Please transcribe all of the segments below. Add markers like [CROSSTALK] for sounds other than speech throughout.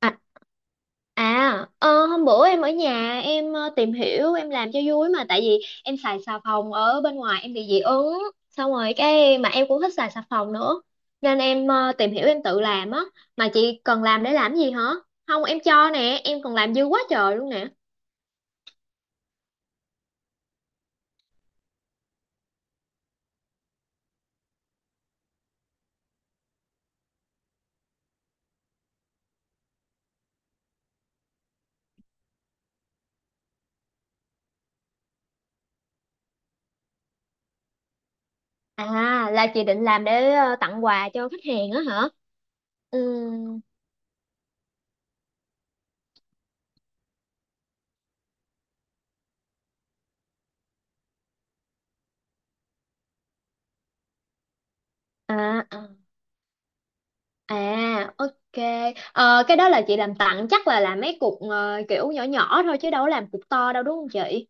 À, hôm bữa em ở nhà em tìm hiểu em làm cho vui, mà tại vì em xài xà phòng ở bên ngoài em bị dị ứng, xong rồi cái mà em cũng thích xài xà phòng nữa nên em tìm hiểu em tự làm á. Mà chị cần làm để làm gì hả? Không, em cho nè, em còn làm dư quá trời luôn nè. À, là chị định làm để tặng quà cho khách hàng á hả? Ừm. À à à, ok. Cái đó là chị làm tặng chắc là làm mấy cục kiểu nhỏ nhỏ thôi chứ đâu có làm cục to đâu đúng không chị?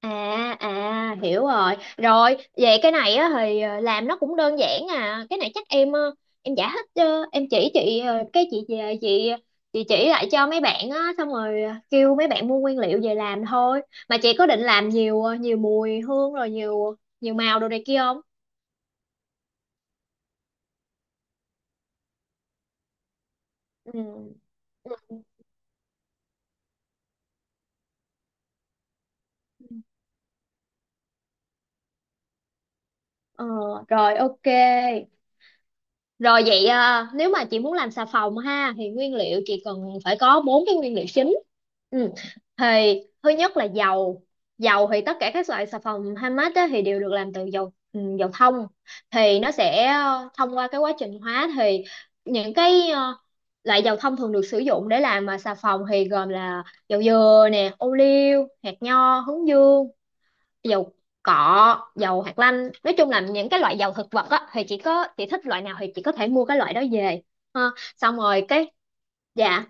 À à, hiểu rồi. Rồi, vậy cái này á thì làm nó cũng đơn giản à. Cái này chắc em giải thích cho em chỉ chị cái chị về chị chỉ lại cho mấy bạn á, xong rồi kêu mấy bạn mua nguyên liệu về làm thôi. Mà chị có định làm nhiều mùi hương rồi nhiều nhiều màu đồ này kia không? Ừ. Ừ. Ờ Rồi ok. Rồi vậy à, nếu mà chị muốn làm xà phòng ha thì nguyên liệu chị cần phải có bốn cái nguyên liệu chính. Ừ. Thì thứ nhất là dầu. Dầu thì tất cả các loại xà phòng handmade á thì đều được làm từ dầu thông. Thì nó sẽ thông qua cái quá trình hóa thì những cái loại dầu thông thường được sử dụng để làm mà xà phòng thì gồm là dầu dừa nè, ô liu, hạt nho, hướng dương, dầu cọ, dầu hạt lanh, nói chung là những cái loại dầu thực vật á thì chỉ có chị thích loại nào thì chị có thể mua cái loại đó về ha, xong rồi cái dạ.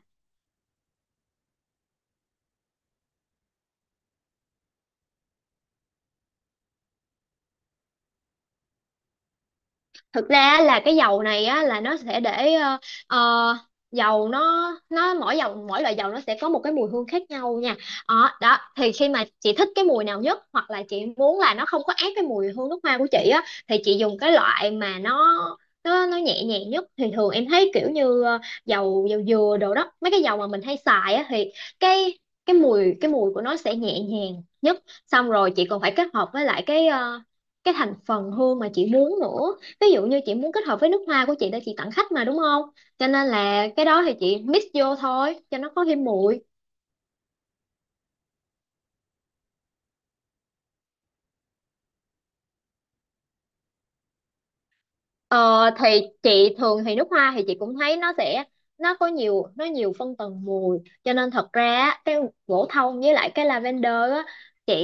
Thực ra á, là cái dầu này á là nó sẽ để ờ, dầu nó mỗi loại dầu nó sẽ có một cái mùi hương khác nhau nha. Ờ, Đó thì khi mà chị thích cái mùi nào nhất hoặc là chị muốn là nó không có át cái mùi hương nước hoa của chị á thì chị dùng cái loại mà nó nhẹ nhàng nhất, thì thường em thấy kiểu như dầu dầu dừa đồ đó, mấy cái dầu mà mình hay xài á thì cái cái mùi của nó sẽ nhẹ nhàng nhất, xong rồi chị còn phải kết hợp với lại cái cái thành phần hương mà chị muốn nữa. Ví dụ như chị muốn kết hợp với nước hoa của chị để chị tặng khách mà đúng không, cho nên là cái đó thì chị mix vô thôi cho nó có thêm mùi. Ờ, thì chị thường thì nước hoa thì chị cũng thấy nó sẽ có nhiều, nhiều phân tầng mùi, cho nên thật ra á, cái gỗ thông với lại cái lavender á, chị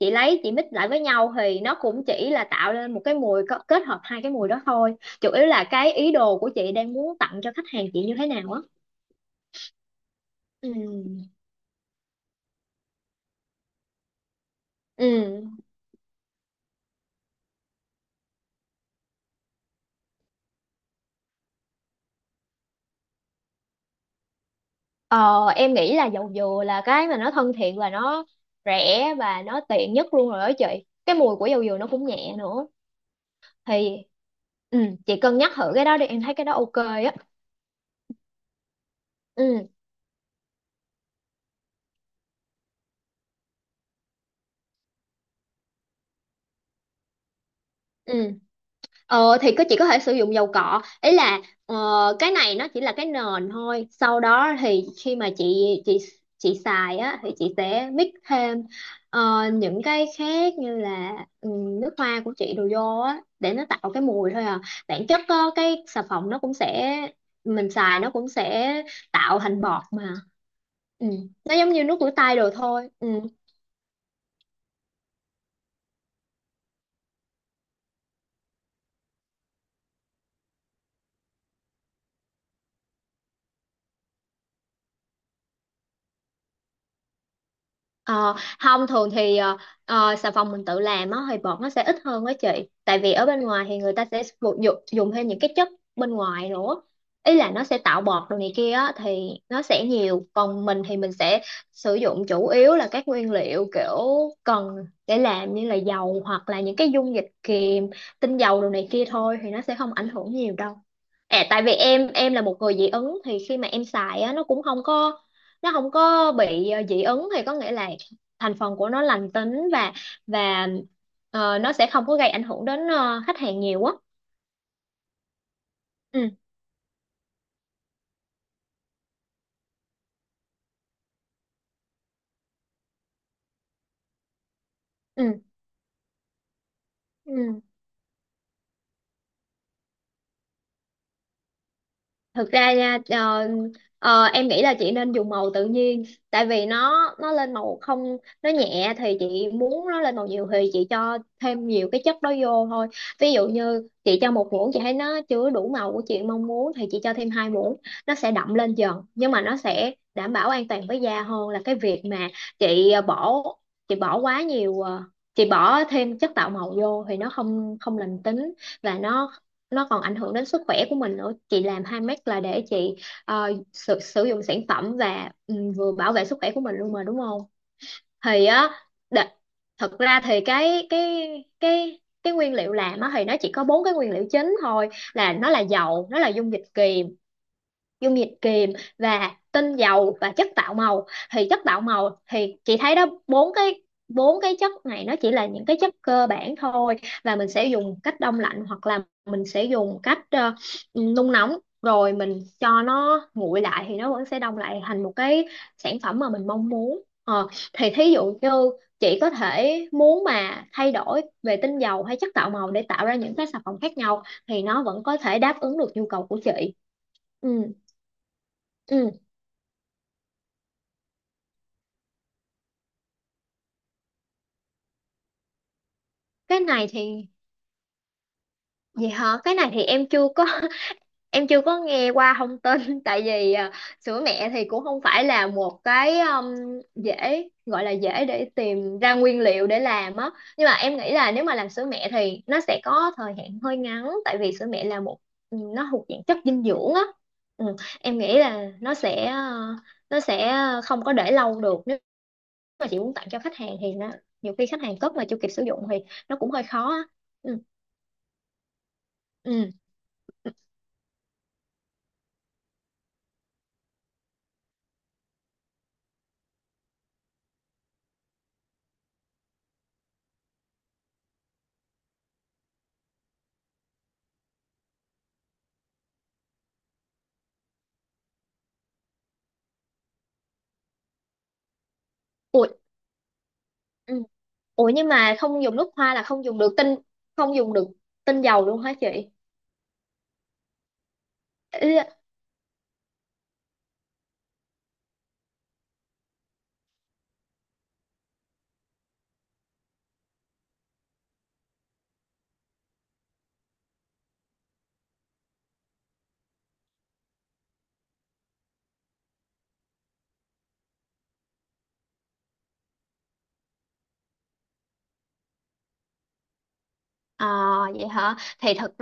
chị lấy chị mix lại với nhau thì nó cũng chỉ là tạo nên một cái mùi kết hợp hai cái mùi đó thôi, chủ yếu là cái ý đồ của chị đang muốn tặng cho khách hàng chị như thế nào á. Ừ. Ừ. Ờ, em nghĩ là dầu dừa là cái mà nó thân thiện và nó rẻ và nó tiện nhất luôn rồi đó chị. Cái mùi của dầu dừa nó cũng nhẹ nữa. Thì ừ, chị cân nhắc thử cái đó đi, em thấy cái đó ok á. Ừ. Ừ. Ờ thì chị có thể sử dụng dầu cọ, ý là ờ, cái này nó chỉ là cái nền thôi, sau đó thì khi mà chị chị xài á thì chị sẽ mix thêm những cái khác như là ừ, nước hoa của chị đồ vô á để nó tạo cái mùi thôi à. Bản chất á, cái xà phòng nó cũng sẽ, mình xài nó cũng sẽ tạo thành bọt mà. Ừ. Nó giống như nước rửa tay đồ thôi. Ừ. Ờ, không, thường thì xà phòng mình tự làm á thì bọt nó sẽ ít hơn á chị, tại vì ở bên ngoài thì người ta sẽ dùng thêm những cái chất bên ngoài nữa, ý là nó sẽ tạo bọt đồ này kia á thì nó sẽ nhiều, còn mình thì mình sẽ sử dụng chủ yếu là các nguyên liệu kiểu cần để làm như là dầu hoặc là những cái dung dịch kiềm, tinh dầu đồ này kia thôi thì nó sẽ không ảnh hưởng nhiều đâu. À, tại vì em là một người dị ứng, thì khi mà em xài á nó cũng không có, nó không có bị dị ứng, thì có nghĩa là thành phần của nó lành tính và và nó sẽ không có gây ảnh hưởng đến khách hàng nhiều á. Ừ. Ừ. Ừ. Thực ra nha, em nghĩ là chị nên dùng màu tự nhiên, tại vì nó lên màu không, nó nhẹ thì chị muốn nó lên màu nhiều thì chị cho thêm nhiều cái chất đó vô thôi. Ví dụ như chị cho một muỗng, chị thấy nó chưa đủ màu của chị mong muốn thì chị cho thêm hai muỗng nó sẽ đậm lên dần, nhưng mà nó sẽ đảm bảo an toàn với da hơn là cái việc mà chị ờ, bỏ chị bỏ quá nhiều, chị bỏ thêm chất tạo màu vô thì nó không không lành tính, và nó còn ảnh hưởng đến sức khỏe của mình nữa, chị làm handmade là để chị sử dụng sản phẩm và vừa bảo vệ sức khỏe của mình luôn mà đúng không? Thì á, đ- thật ra thì cái nguyên liệu làm á thì nó chỉ có bốn cái nguyên liệu chính thôi, là nó là dầu, nó là dung dịch kiềm, dung dịch kiềm và tinh dầu và chất tạo màu. Thì chất tạo màu thì chị thấy đó, bốn cái chất này nó chỉ là những cái chất cơ bản thôi, và mình sẽ dùng cách đông lạnh hoặc là mình sẽ dùng cách nung nóng rồi mình cho nó nguội lại thì nó vẫn sẽ đông lại thành một cái sản phẩm mà mình mong muốn. Ờ, thì thí dụ như chị có thể muốn mà thay đổi về tinh dầu hay chất tạo màu để tạo ra những cái sản phẩm khác nhau thì nó vẫn có thể đáp ứng được nhu cầu của chị. Ừ. Ừ. Cái này thì gì hả? Cái này thì em chưa có [LAUGHS] em chưa có nghe qua thông tin. [LAUGHS] Tại vì à, sữa mẹ thì cũng không phải là một cái, dễ gọi là dễ để tìm ra nguyên liệu để làm á. Nhưng mà em nghĩ là nếu mà làm sữa mẹ thì nó sẽ có thời hạn hơi ngắn, tại vì sữa mẹ là nó thuộc dạng chất dinh dưỡng á. ừ, em nghĩ là nó sẽ không có để lâu được, nếu mà chị muốn tặng cho khách hàng thì nó nhiều khi khách hàng cất mà chưa kịp sử dụng thì nó cũng hơi khó á. Ừ. Ừ. Ừ. Ủa. Ừ. Ủa nhưng mà không dùng nước hoa là không dùng được tinh dầu luôn hả chị? Ý- À vậy hả?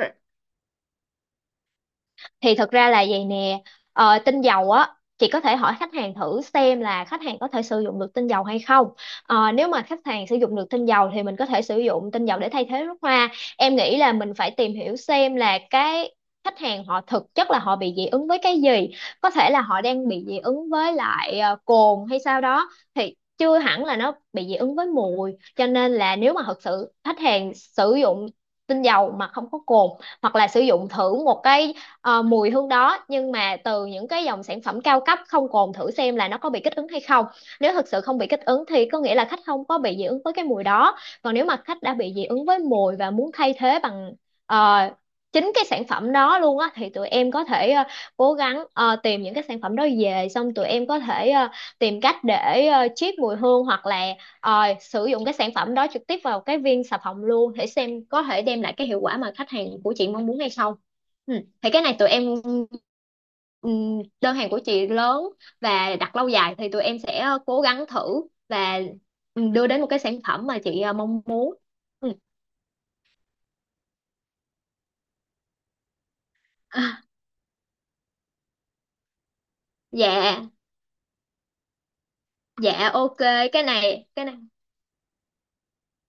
Thì thật ra là vậy nè, tinh dầu á chị có thể hỏi khách hàng thử xem là khách hàng có thể sử dụng được tinh dầu hay không. Ờ, nếu mà khách hàng sử dụng được tinh dầu thì mình có thể sử dụng tinh dầu để thay thế nước hoa. Em nghĩ là mình phải tìm hiểu xem là cái khách hàng họ thực chất là họ bị dị ứng với cái gì, có thể là họ đang bị dị ứng với lại cồn hay sao đó, thì chưa hẳn là nó bị dị ứng với mùi, cho nên là nếu mà thật sự khách hàng sử dụng tinh dầu mà không có cồn, hoặc là sử dụng thử một cái mùi hương đó nhưng mà từ những cái dòng sản phẩm cao cấp không cồn, thử xem là nó có bị kích ứng hay không. Nếu thực sự không bị kích ứng thì có nghĩa là khách không có bị dị ứng với cái mùi đó, còn nếu mà khách đã bị dị ứng với mùi và muốn thay thế bằng ờ, chính cái sản phẩm đó luôn á thì tụi em có thể cố gắng tìm những cái sản phẩm đó về, xong tụi em có thể tìm cách để chiết mùi hương hoặc là sử dụng cái sản phẩm đó trực tiếp vào cái viên xà phòng luôn, để xem có thể đem lại cái hiệu quả mà khách hàng của chị mong muốn hay không. Ừ. Thì cái này tụi em, đơn hàng của chị lớn và đặt lâu dài thì tụi em sẽ cố gắng thử và đưa đến một cái sản phẩm mà chị mong muốn. Ừ. [LAUGHS] Dạ. Dạ ok. Cái này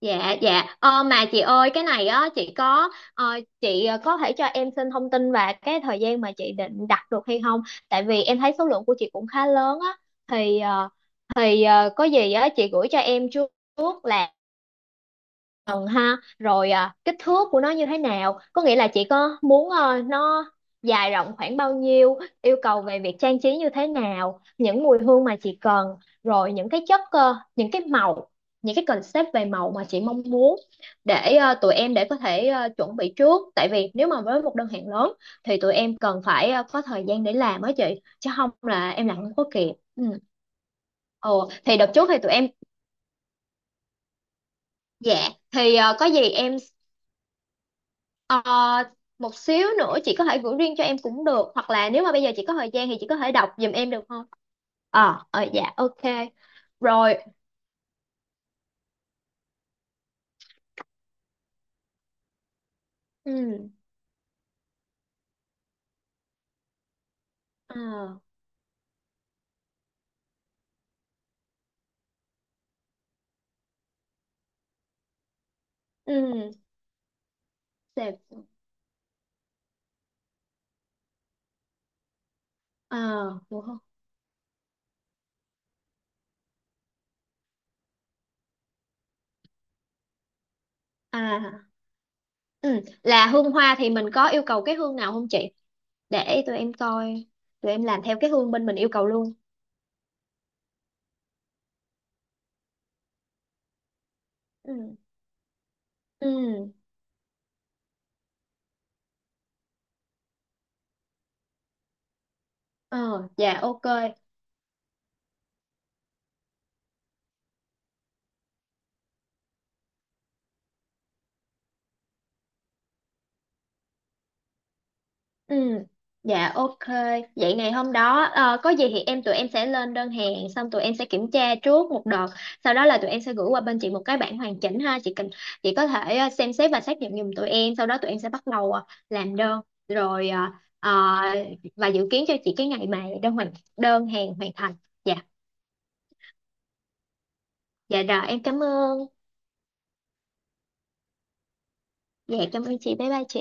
Dạ. Dạ, mà chị ơi, cái này á chị có có thể cho em xin thông tin và cái thời gian mà chị định đặt được hay không, tại vì em thấy số lượng của chị cũng khá lớn á. Thì có gì á chị gửi cho em trước, trước là phần ha, rồi à, kích thước của nó như thế nào, có nghĩa là chị có muốn nó dài rộng khoảng bao nhiêu, yêu cầu về việc trang trí như thế nào, những mùi hương mà chị cần, rồi những cái những cái màu, những cái concept về màu mà chị mong muốn, để tụi em để có thể chuẩn bị trước. Tại vì nếu mà với một đơn hàng lớn thì tụi em cần phải có thời gian để làm á chị, chứ không là em làm không có kịp. Ừ. Ồ, thì đợt trước thì tụi em. Dạ thì có gì em. Ờ, một xíu nữa chị có thể gửi riêng cho em cũng được, hoặc là nếu mà bây giờ chị có thời gian thì chị có thể đọc giùm em được không? Dạ ok. Rồi. Ừ. ờ, ừ. Đẹp. Ờ, đúng không? À. Ừ. Là hương hoa thì mình có yêu cầu cái hương nào không chị? Để tụi em coi, tụi em làm theo cái hương bên mình yêu cầu luôn. Ừ. Ừ. ờ dạ ok. Ừ. Dạ ok. Vậy ngày hôm đó có gì thì tụi em sẽ lên đơn hàng, xong tụi em sẽ kiểm tra trước một đợt. Sau đó là tụi em sẽ gửi qua bên chị một cái bản hoàn chỉnh ha. Chị có thể xem xét và xác nhận giùm tụi em. Sau đó tụi em sẽ bắt đầu làm đơn, rồi ờ, và dự kiến cho chị cái ngày mà đơn hàng hoàn thành. Dạ. Dạ rồi, em cảm ơn. Dạ cảm ơn chị. Bye bye chị.